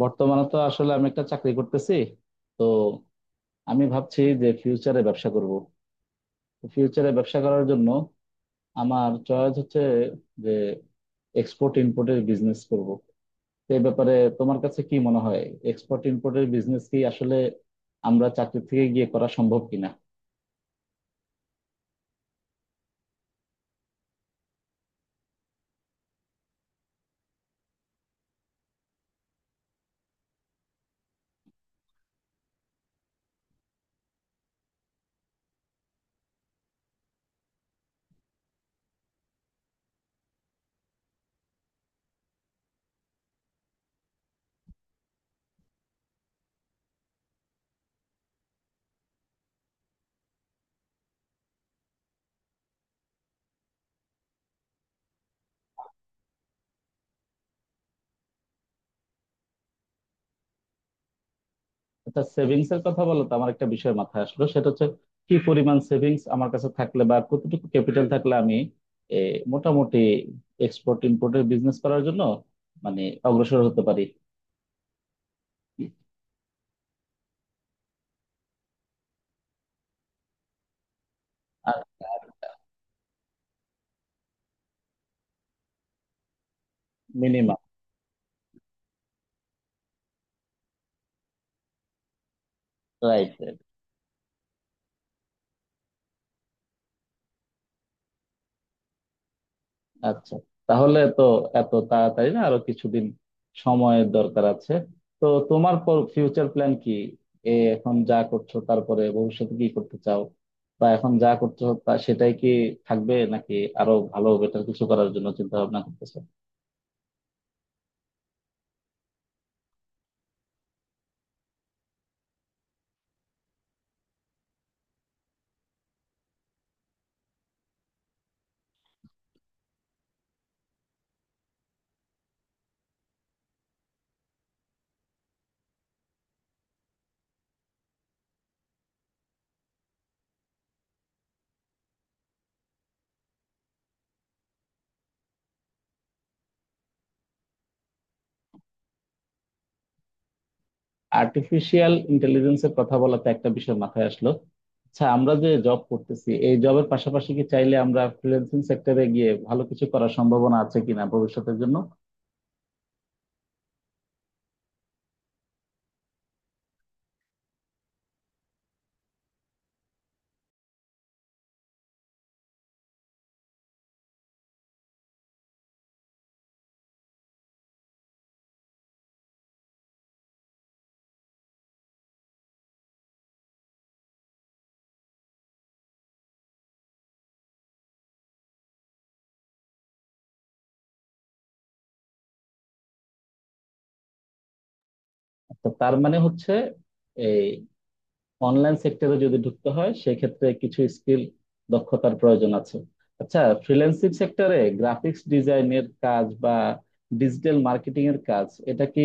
বর্তমানে তো আসলে আমি একটা চাকরি করতেছি। তো আমি ভাবছি যে ফিউচারে ব্যবসা করব। ফিউচারে ব্যবসা করার জন্য আমার চয়েস হচ্ছে যে এক্সপোর্ট ইম্পোর্টের বিজনেস করব। তো এই ব্যাপারে তোমার কাছে কি মনে হয়, এক্সপোর্ট ইম্পোর্টের বিজনেস কি আসলে আমরা চাকরি থেকে গিয়ে করা সম্ভব কিনা? আচ্ছা, সেভিংস এর কথা বলো তো, আমার একটা বিষয় মাথায় আসলো, সেটা হচ্ছে কি পরিমাণ সেভিংস আমার কাছে থাকলে বা কতটুকু ক্যাপিটাল থাকলে আমি এ, মোটামুটি এক্সপোর্ট ইমপোর্টের বিজনেস করার জন্য মানে অগ্রসর হতে পারি। আর মিনিমাম। রাইট। আচ্ছা, তাহলে তো এত তাড়াতাড়ি না, আরো কিছুদিন সময়ের দরকার আছে। তো তোমার ফিউচার প্ল্যান কি? এ এখন যা করছো তারপরে ভবিষ্যতে কি করতে চাও, বা এখন যা করছো তা সেটাই কি থাকবে, নাকি আরো ভালো বেটার কিছু করার জন্য চিন্তা ভাবনা করতেছো? আর্টিফিশিয়াল ইন্টেলিজেন্সের কথা বলাতে একটা বিষয় মাথায় আসলো। আচ্ছা, আমরা যে জব করতেছি এই জবের পাশাপাশি কি চাইলে আমরা ফ্রিল্যান্সিং সেক্টরে গিয়ে ভালো কিছু করার সম্ভাবনা আছে কিনা ভবিষ্যতের জন্য? আচ্ছা, তার মানে হচ্ছে অনলাইন সেক্টরে যদি ঢুকতে হয় সেক্ষেত্রে কিছু স্কিল, দক্ষতার প্রয়োজন আছে। আচ্ছা, ফ্রিল্যান্সিং সেক্টরে গ্রাফিক্স ডিজাইনের কাজ বা ডিজিটাল মার্কেটিং এর কাজ এটা কি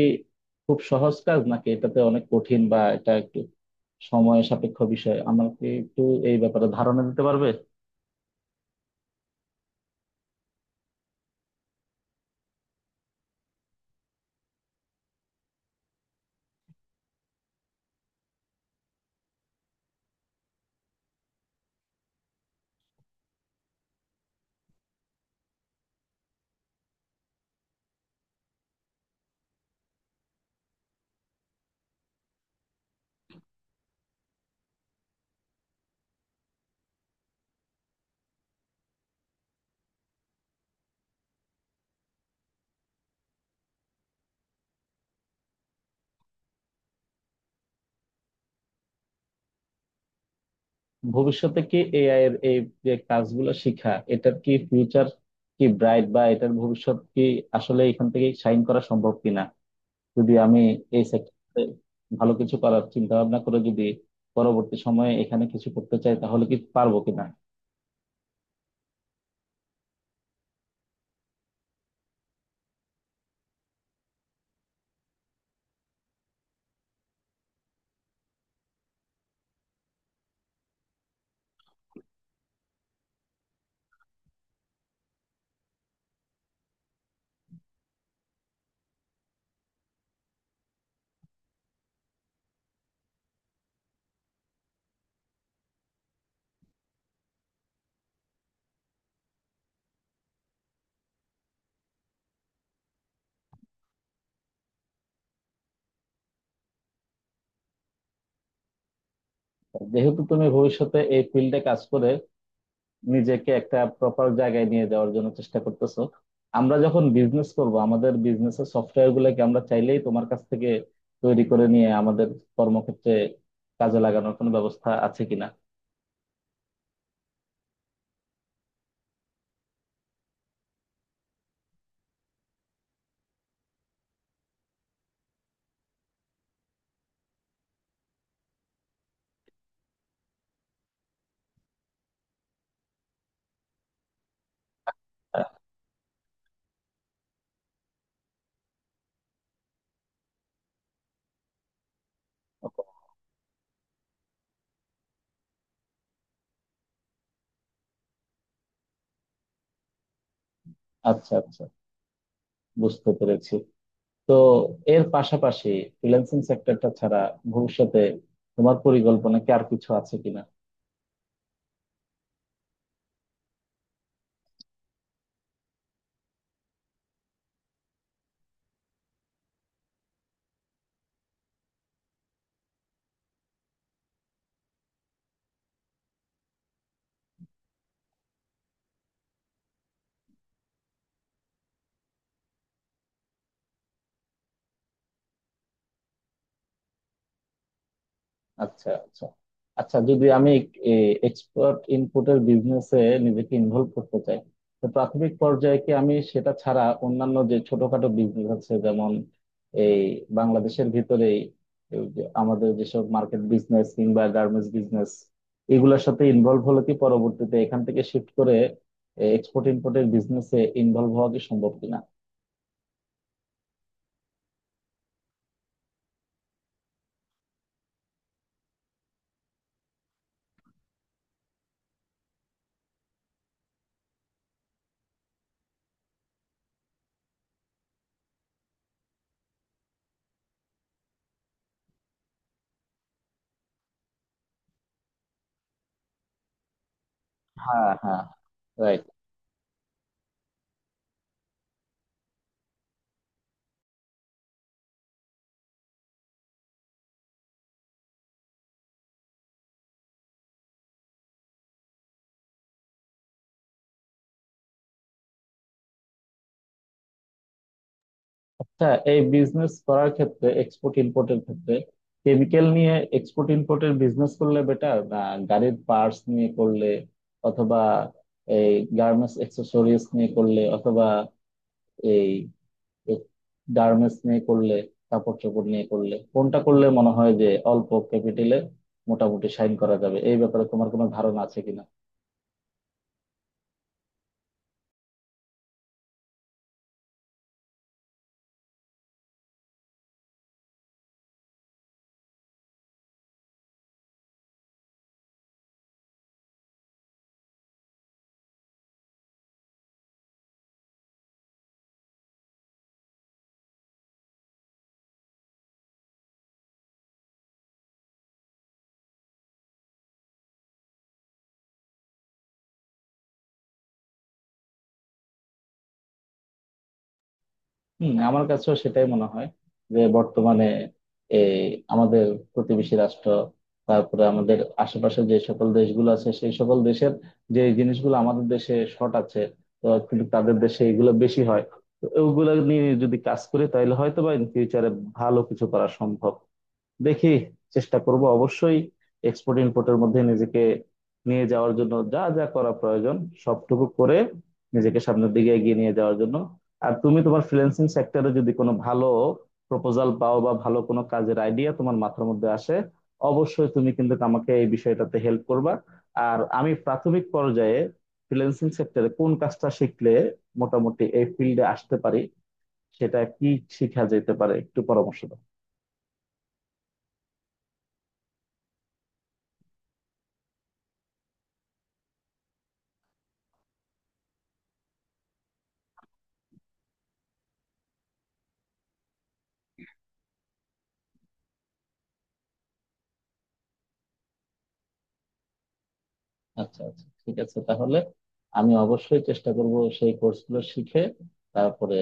খুব সহজ কাজ, নাকি এটাতে অনেক কঠিন বা এটা একটু সময় সাপেক্ষ বিষয়? আমাকে একটু এই ব্যাপারে ধারণা দিতে পারবে? ভবিষ্যতে কি এআই এর এই যে কাজগুলো শিখা, এটার কি ফিউচার, কি ব্রাইট বা এটার ভবিষ্যৎ কি? আসলে এখান থেকে শাইন করা সম্ভব কিনা যদি আমি এই সেক্টরে ভালো কিছু করার চিন্তা ভাবনা করে যদি পরবর্তী সময়ে এখানে কিছু করতে চাই, তাহলে কি পারবো কিনা? যেহেতু তুমি ভবিষ্যতে এই ফিল্ডে কাজ করে নিজেকে একটা প্রপার জায়গায় নিয়ে যাওয়ার জন্য চেষ্টা করতেছো, আমরা যখন বিজনেস করব আমাদের বিজনেসের সফটওয়্যার গুলোকে আমরা চাইলেই তোমার কাছ থেকে তৈরি করে নিয়ে আমাদের কর্মক্ষেত্রে কাজে লাগানোর কোনো ব্যবস্থা আছে কিনা? আহ, আচ্ছা, আচ্ছা, বুঝতে পেরেছি। তো এর পাশাপাশি ফ্রিল্যান্সিং সেক্টরটা ছাড়া ভবিষ্যতে তোমার পরিকল্পনা কি আর কিছু আছে কিনা? আচ্ছা, আচ্ছা। আচ্ছা, যদি আমি এক্সপার্ট ইনপুটের বিজনেসে নিজেকে ইনভলভ করতে চাই, তো প্রাথমিক পর্যায়ে কি আমি সেটা ছাড়া অন্যান্য যে ছোটখাটো বিজনেস আছে, যেমন এই বাংলাদেশের ভিতরেই এই যে আমাদের যেসব মার্কেট বিজনেস কিংবা গার্মেন্টস বিজনেস, এগুলোর সাথে ইনভলভ হলে কি পরবর্তীতে এখান থেকে শিফট করে এক্সপোর্ট ইম্পোর্টের বিজনেসে ইনভলভ হওয়া কি সম্ভব কিনা? হ্যাঁ, হ্যাঁ। রাইট। আচ্ছা, এই বিজনেস করার ক্ষেত্রে, এক্সপোর্ট ইম্পোর্টের ক্ষেত্রে, কেমিক্যাল নিয়ে এক্সপোর্ট ইম্পোর্টের বিজনেস করলে বেটার, না গাড়ির পার্টস নিয়ে করলে, অথবা এই গার্মেন্টস অ্যাক্সেসরিজ নিয়ে করলে, অথবা এই গার্মেন্টস নিয়ে করলে, কাপড় চোপড় নিয়ে করলে, কোনটা করলে মনে হয় যে অল্প ক্যাপিটালে মোটামুটি সাইন করা যাবে? এই ব্যাপারে তোমার কোনো ধারণা আছে কিনা? হম, আমার কাছেও সেটাই মনে হয় যে বর্তমানে এই আমাদের প্রতিবেশী রাষ্ট্র, তারপরে আমাদের আশেপাশে যে সকল দেশগুলো আছে, সেই সকল দেশের যে জিনিসগুলো আমাদের দেশে শর্ট আছে, তো কিন্তু তাদের দেশে এগুলো বেশি হয়, তো ওগুলো নিয়ে যদি কাজ করি তাহলে হয়তো বা ইন ফিউচারে ভালো কিছু করা সম্ভব। দেখি, চেষ্টা করব অবশ্যই এক্সপোর্ট ইমপোর্টের মধ্যে নিজেকে নিয়ে যাওয়ার জন্য যা যা করা প্রয়োজন সবটুকু করে নিজেকে সামনের দিকে এগিয়ে নিয়ে যাওয়ার জন্য। আর তুমি তোমার ফ্রিল্যান্সিং সেক্টরে যদি কোনো ভালো প্রপোজাল পাও বা ভালো কোনো কাজের আইডিয়া তোমার মাথার মধ্যে আসে, অবশ্যই তুমি কিন্তু আমাকে এই বিষয়টাতে হেল্প করবা। আর আমি প্রাথমিক পর্যায়ে ফ্রিল্যান্সিং সেক্টরে কোন কাজটা শিখলে মোটামুটি এই ফিল্ডে আসতে পারি, সেটা কি শিখা যেতে পারে, একটু পরামর্শ দাও। আচ্ছা, আচ্ছা, ঠিক আছে। তাহলে আমি অবশ্যই চেষ্টা করব সেই কোর্সগুলো শিখে, তারপরে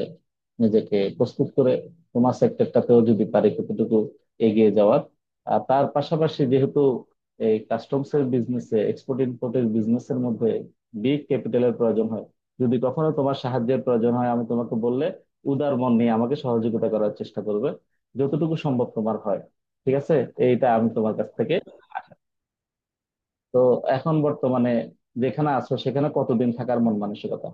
নিজেকে প্রস্তুত করে তোমার সেক্টরটাতেও যদি পারি কতটুকু এগিয়ে যাওয়ার। আর তার পাশাপাশি যেহেতু এই কাস্টমস এর বিজনেসে, এক্সপোর্ট ইমপোর্টের বিজনেসের মধ্যে বিগ ক্যাপিটালের প্রয়োজন হয়, যদি কখনো তোমার সাহায্যের প্রয়োজন হয় আমি তোমাকে বললে উদার মন নিয়ে আমাকে সহযোগিতা করার চেষ্টা করবে যতটুকু সম্ভব তোমার হয়। ঠিক আছে? এইটা আমি তোমার কাছ থেকে। তো এখন বর্তমানে যেখানে আছো সেখানে কতদিন থাকার মন মানসিকতা?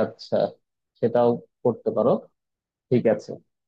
আচ্ছা, সেটাও করতে পারো। ঠিক আছে।